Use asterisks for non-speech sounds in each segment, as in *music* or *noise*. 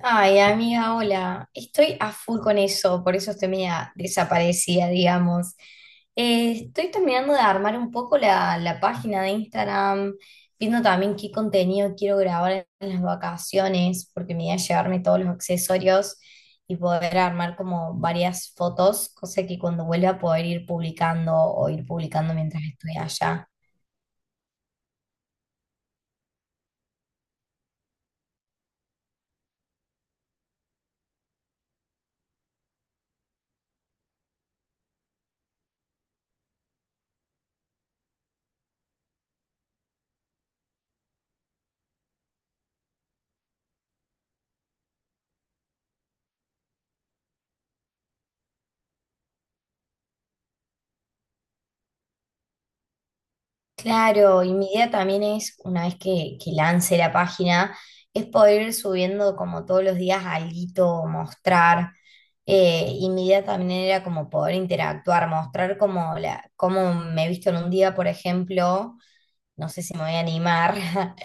Ay, amiga, hola. Estoy a full con eso, por eso estoy media desaparecida, digamos. Estoy terminando de armar un poco la página de Instagram, viendo también qué contenido quiero grabar en las vacaciones, porque me voy a llevarme todos los accesorios y poder armar como varias fotos, cosa que cuando vuelva a poder ir publicando o ir publicando mientras estoy allá. Claro, y mi idea también es, una vez que lance la página, es poder ir subiendo como todos los días alguito, mostrar. Y mi idea también era como poder interactuar, mostrar como cómo me he visto en un día, por ejemplo, no sé si me voy a animar, *laughs*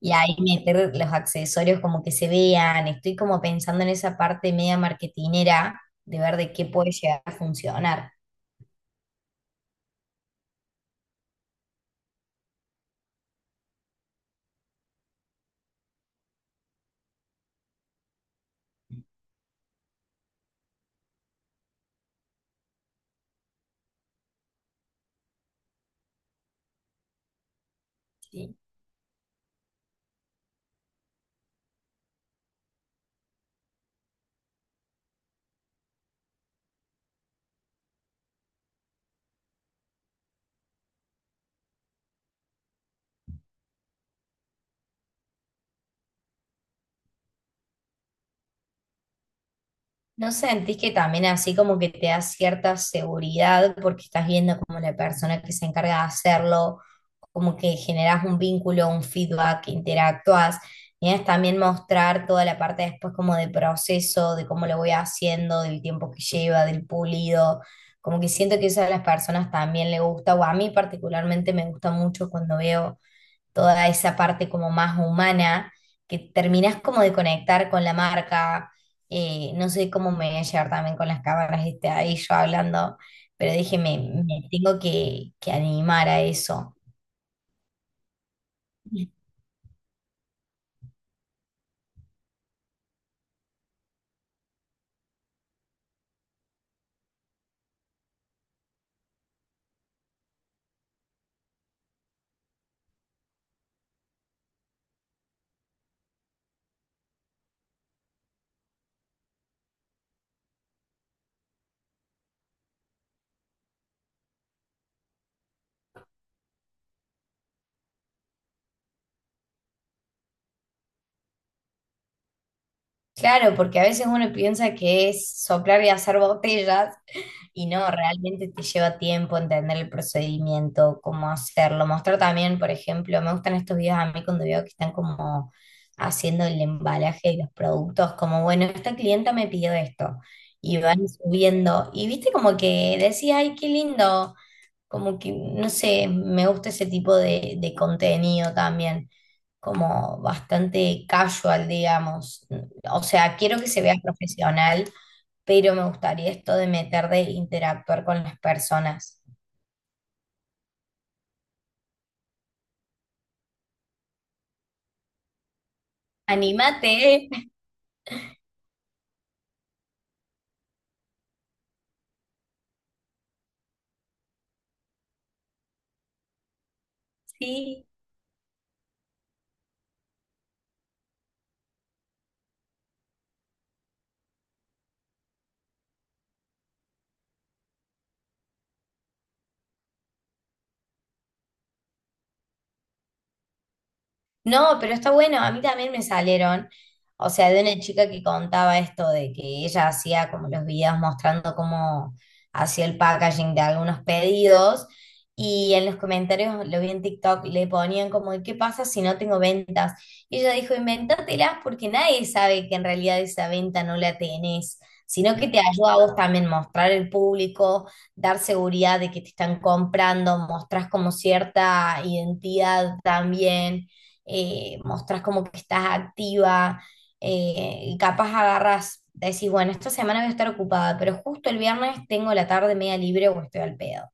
y ahí meter los accesorios como que se vean. Estoy como pensando en esa parte media marketinera de ver de qué puede llegar a funcionar. Sí. ¿No sentís que también así como que te da cierta seguridad porque estás viendo como la persona que se encarga de hacerlo, como que generás un vínculo, un feedback, interactúas? Y es también mostrar toda la parte después como de proceso, de cómo lo voy haciendo, del tiempo que lleva, del pulido. Como que siento que eso a las personas también le gusta, o a mí particularmente me gusta mucho cuando veo toda esa parte como más humana, que terminás como de conectar con la marca. No sé cómo me voy a llevar también con las cámaras este, ahí yo hablando, pero dije, me tengo que animar a eso. Claro, porque a veces uno piensa que es soplar y hacer botellas y no, realmente te lleva tiempo entender el procedimiento, cómo hacerlo. Mostrar también, por ejemplo, me gustan estos videos a mí cuando veo que están como haciendo el embalaje de los productos, como, bueno, esta clienta me pidió esto y van subiendo. Y viste como que decía, ay, qué lindo. Como que, no sé, me gusta ese tipo de contenido también, como bastante casual, digamos. O sea, quiero que se vea profesional, pero me gustaría esto de meter de interactuar con las personas. ¡Anímate! *laughs* Sí. No, pero está bueno, a mí también me salieron, o sea, de una chica que contaba esto de que ella hacía como los videos mostrando cómo hacía el packaging de algunos pedidos y en los comentarios, lo vi en TikTok, le ponían como, ¿qué pasa si no tengo ventas? Y ella dijo, invéntatelas porque nadie sabe que en realidad esa venta no la tenés, sino que te ayuda a vos también mostrar al público, dar seguridad de que te están comprando, mostrás como cierta identidad también mostrás como que estás activa, y capaz agarras, decís, bueno, esta semana voy a estar ocupada, pero justo el viernes tengo la tarde media libre o estoy al pedo.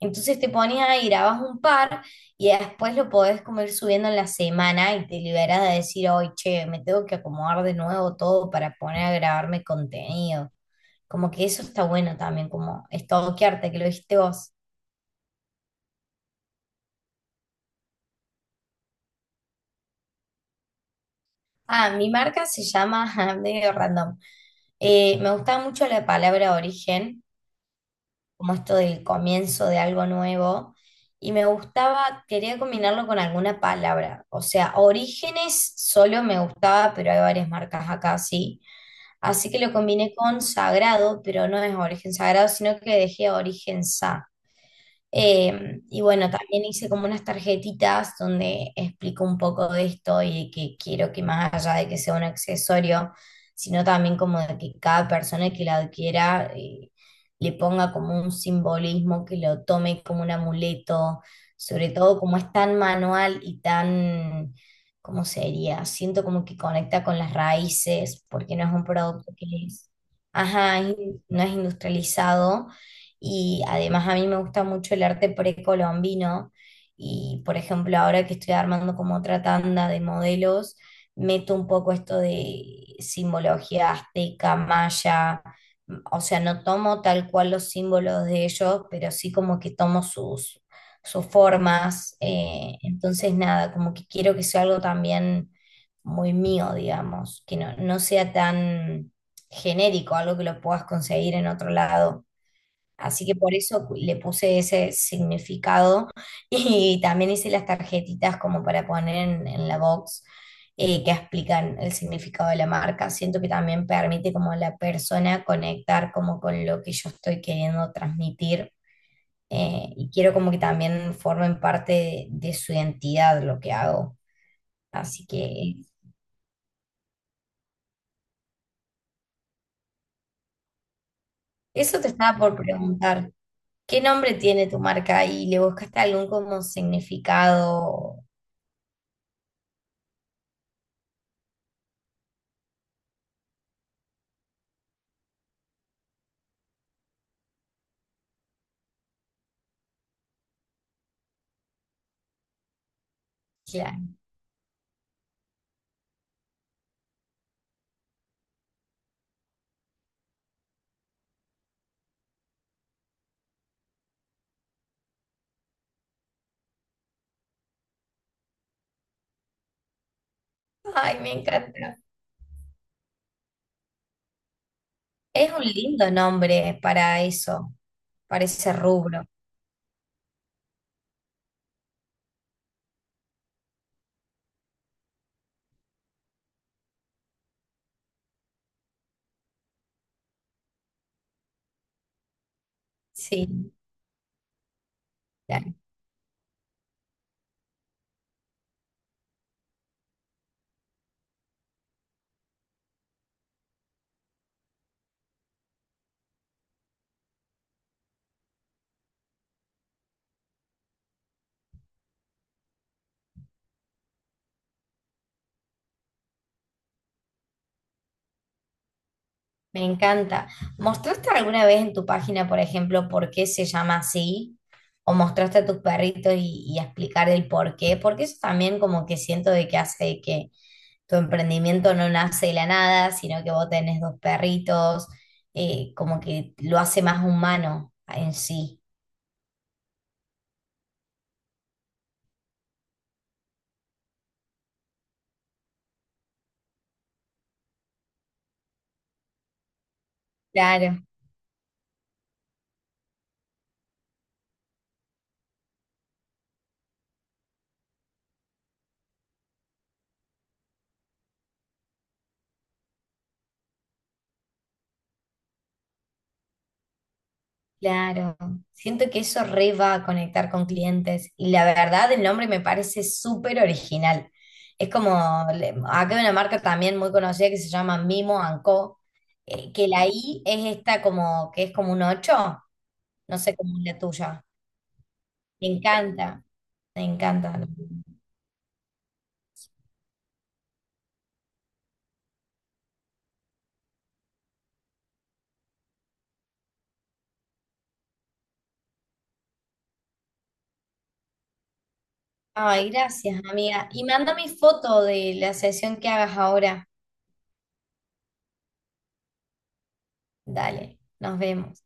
Entonces te pones ahí, grabas un par y después lo podés como ir subiendo en la semana y te liberas de decir, hoy, che, me tengo que acomodar de nuevo todo para poner a grabarme contenido. Como que eso está bueno también, como estoquearte, que lo dijiste vos. Ah, mi marca se llama, *laughs* medio random. Me gustaba mucho la palabra origen como esto del comienzo de algo nuevo, y me gustaba, quería combinarlo con alguna palabra, o sea, Orígenes solo me gustaba, pero hay varias marcas acá, sí, así que lo combiné con Sagrado, pero no es Origen Sagrado, sino que dejé Origen Sa. Y bueno, también hice como unas tarjetitas donde explico un poco de esto y que quiero que más allá de que sea un accesorio, sino también como de que cada persona que la adquiera le ponga como un simbolismo, que lo tome como un amuleto, sobre todo como es tan manual y tan, ¿cómo sería? Siento como que conecta con las raíces, porque no es un producto que es, ajá, no es industrializado y además a mí me gusta mucho el arte precolombino y, por ejemplo, ahora que estoy armando como otra tanda de modelos, meto un poco esto de simbología azteca, maya, o sea, no tomo tal cual los símbolos de ellos, pero sí como que tomo sus, sus formas. Entonces, nada, como que quiero que sea algo también muy mío, digamos, que no, no sea tan genérico, algo que lo puedas conseguir en otro lado. Así que por eso le puse ese significado *laughs* y también hice las tarjetitas como para poner en la box que explican el significado de la marca. Siento que también permite como a la persona conectar como con lo que yo estoy queriendo transmitir y quiero como que también formen parte de su identidad lo que hago. Así que eso te estaba por preguntar. ¿Qué nombre tiene tu marca y le buscaste algún como significado? Claro. Ay, me encanta. Es un lindo nombre para eso, para ese rubro. Sí, claro. Me encanta. ¿Mostraste alguna vez en tu página, por ejemplo, por qué se llama así? ¿O mostraste a tus perritos y explicar el por qué? Porque eso también como que siento de que hace que tu emprendimiento no nace de la nada, sino que vos tenés dos perritos, como que lo hace más humano en sí. Claro. Claro, siento que eso re va a conectar con clientes y la verdad el nombre me parece súper original. Es como, acá hay una marca también muy conocida que se llama Mimo Anco, que la I es esta como, que es como un 8, no sé cómo es la tuya. Me encanta, me encanta. Ay, gracias amiga. Y manda mi foto de la sesión que hagas ahora. Dale, nos vemos.